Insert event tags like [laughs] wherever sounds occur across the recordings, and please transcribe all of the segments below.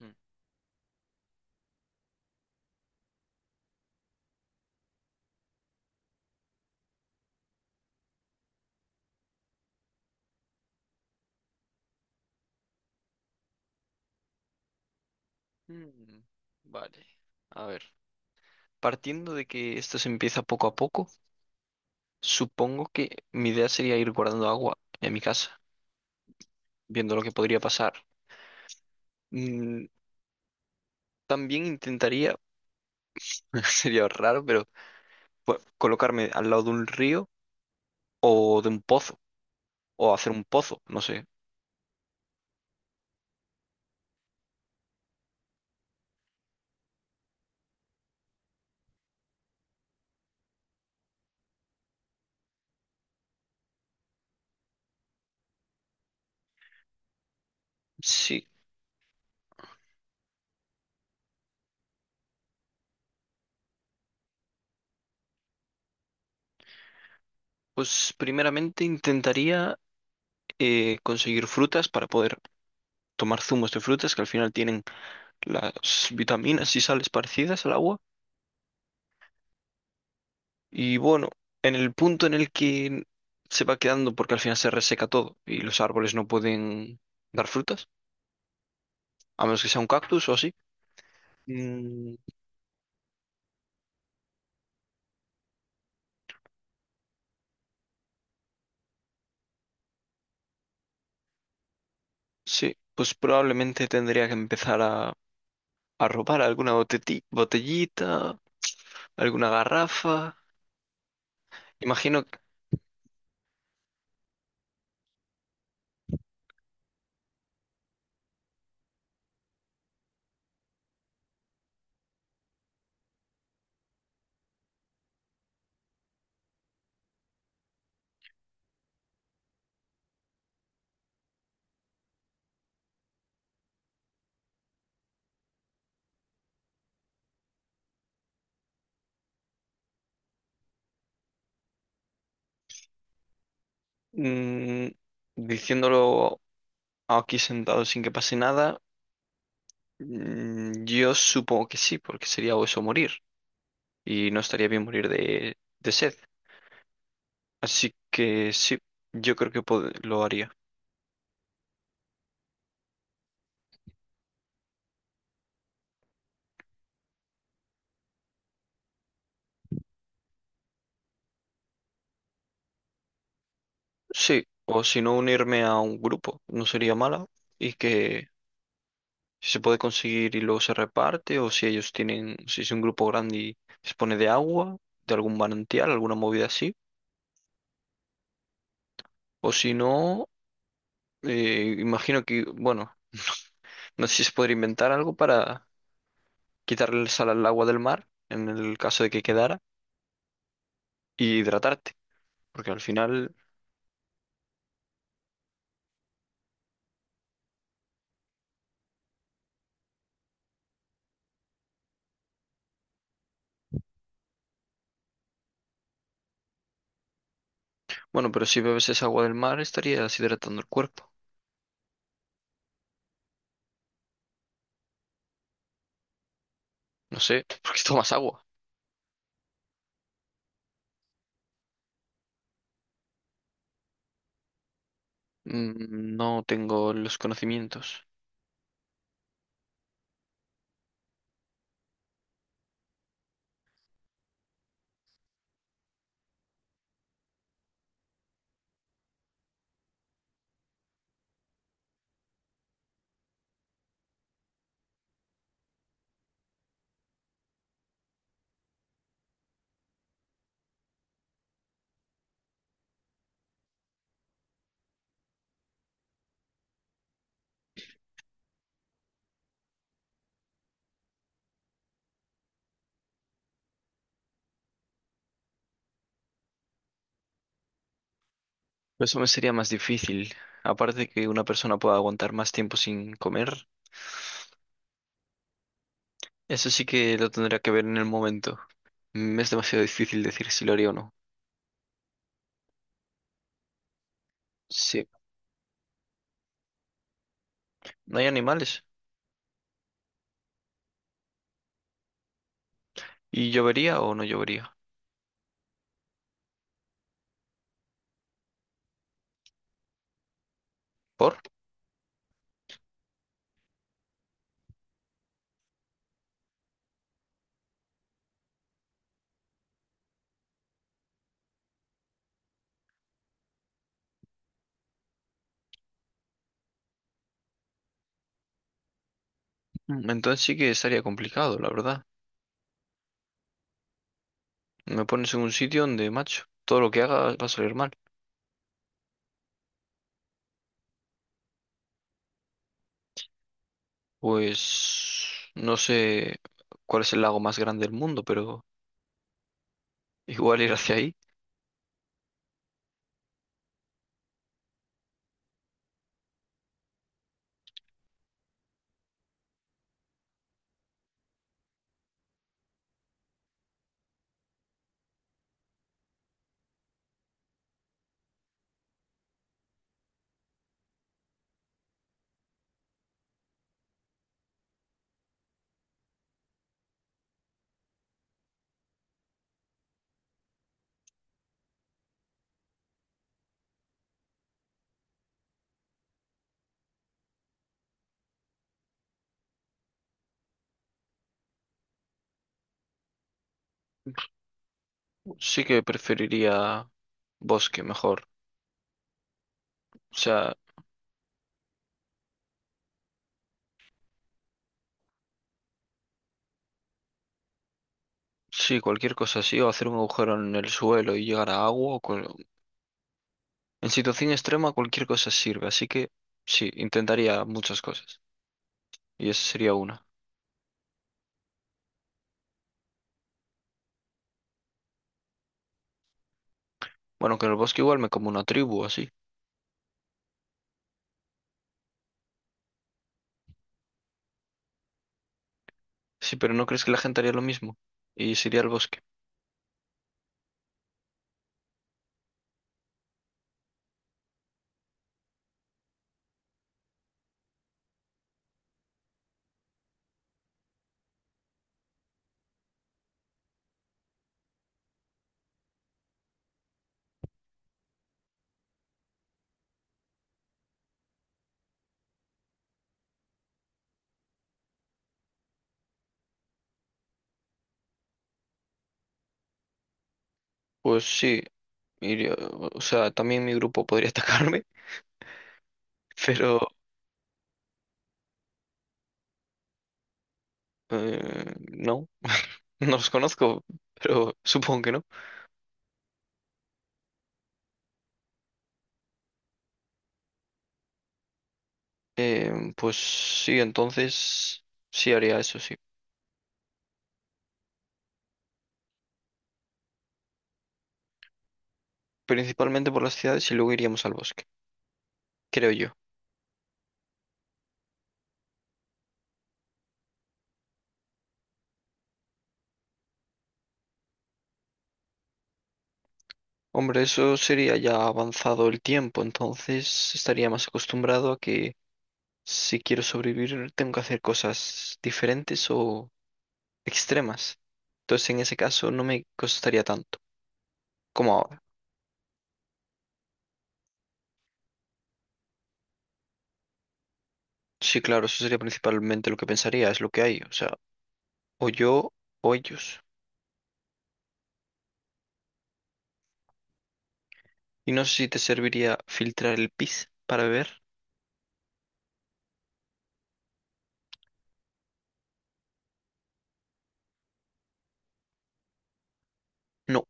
Ujú. Vale. A ver, partiendo de que esto se empieza poco a poco, supongo que mi idea sería ir guardando agua en mi casa, viendo lo que podría pasar. Mm, también intentaría, [laughs] sería raro, pero colocarme al lado de un río o de un pozo, o hacer un pozo, no sé. Sí, pues primeramente intentaría conseguir frutas para poder tomar zumos de frutas que al final tienen las vitaminas y sales parecidas al agua. Y bueno, en el punto en el que se va quedando, porque al final se reseca todo y los árboles no pueden dar frutas, a menos que sea un cactus o así. mm, sí, pues probablemente tendría que empezar a robar alguna botellita, alguna garrafa. Imagino que mm, diciéndolo aquí sentado sin que pase nada, yo supongo que sí, porque sería o eso o morir y no estaría bien morir de sed. Así que sí, yo creo que lo haría. Sí, o si no unirme a un grupo, no sería mala. Y que si se puede conseguir y luego se reparte, o si ellos tienen, si es un grupo grande y dispone de agua, de algún manantial, alguna movida así. O si no, imagino que, bueno, no sé si se podría inventar algo para quitarle el sal al agua del mar, en el caso de que quedara, y hidratarte. Porque al final, bueno, pero si bebes esa agua del mar estarías hidratando el cuerpo. No sé, ¿por qué tomas agua? Mm. No tengo los conocimientos. Eso me sería más difícil. Aparte de que una persona pueda aguantar más tiempo sin comer, eso sí que lo tendría que ver en el momento. Mm. Es demasiado difícil decir si lo haría o no. Sí, no hay animales. ¿Y llovería o no llovería? ¿Por? Mm. Entonces sí que estaría complicado, la verdad. Me pones en un sitio donde, macho, todo lo que haga va a salir mal. Pues no sé cuál es el lago más grande del mundo, pero igual ir hacia ahí. Sí que preferiría bosque mejor. O sea, sí, cualquier cosa así, o hacer un agujero en el suelo y llegar a agua. O cual- En situación extrema, cualquier cosa sirve. Así que sí, intentaría muchas cosas. Y esa sería una. Bueno, que en el bosque igual me como una tribu así. Sí, pero ¿no crees que la gente haría lo mismo? Y sería el bosque. Pues sí, iría... O sea, también mi grupo podría [laughs] atacarme, pero no, no los conozco, pero supongo que no. Pues sí, entonces sí haría eso, sí. Principalmente por las ciudades y luego iríamos al bosque, creo yo. Hombre, eso sería ya avanzado el tiempo, entonces estaría más acostumbrado a que si quiero sobrevivir tengo que hacer cosas diferentes o extremas. Entonces en ese caso no me costaría tanto como ahora. Sí, claro, eso sería principalmente lo que pensaría, es lo que hay, o sea, o yo o ellos. Y no sé si te serviría filtrar el pis para beber. No.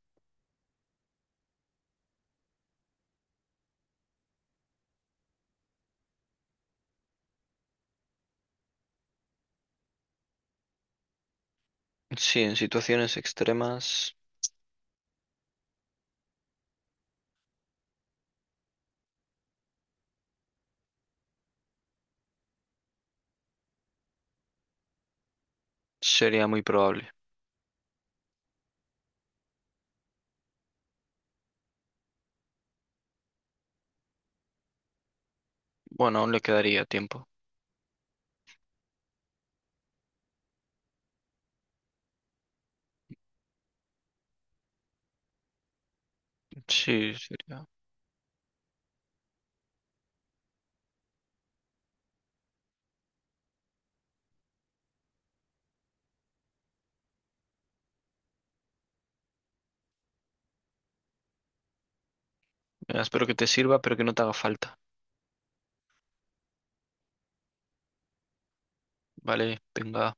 Sí, en situaciones extremas sería muy probable. Bueno, aún le quedaría tiempo. Sí, sería. Mira, espero que te sirva, pero que no te haga falta. Vale, venga.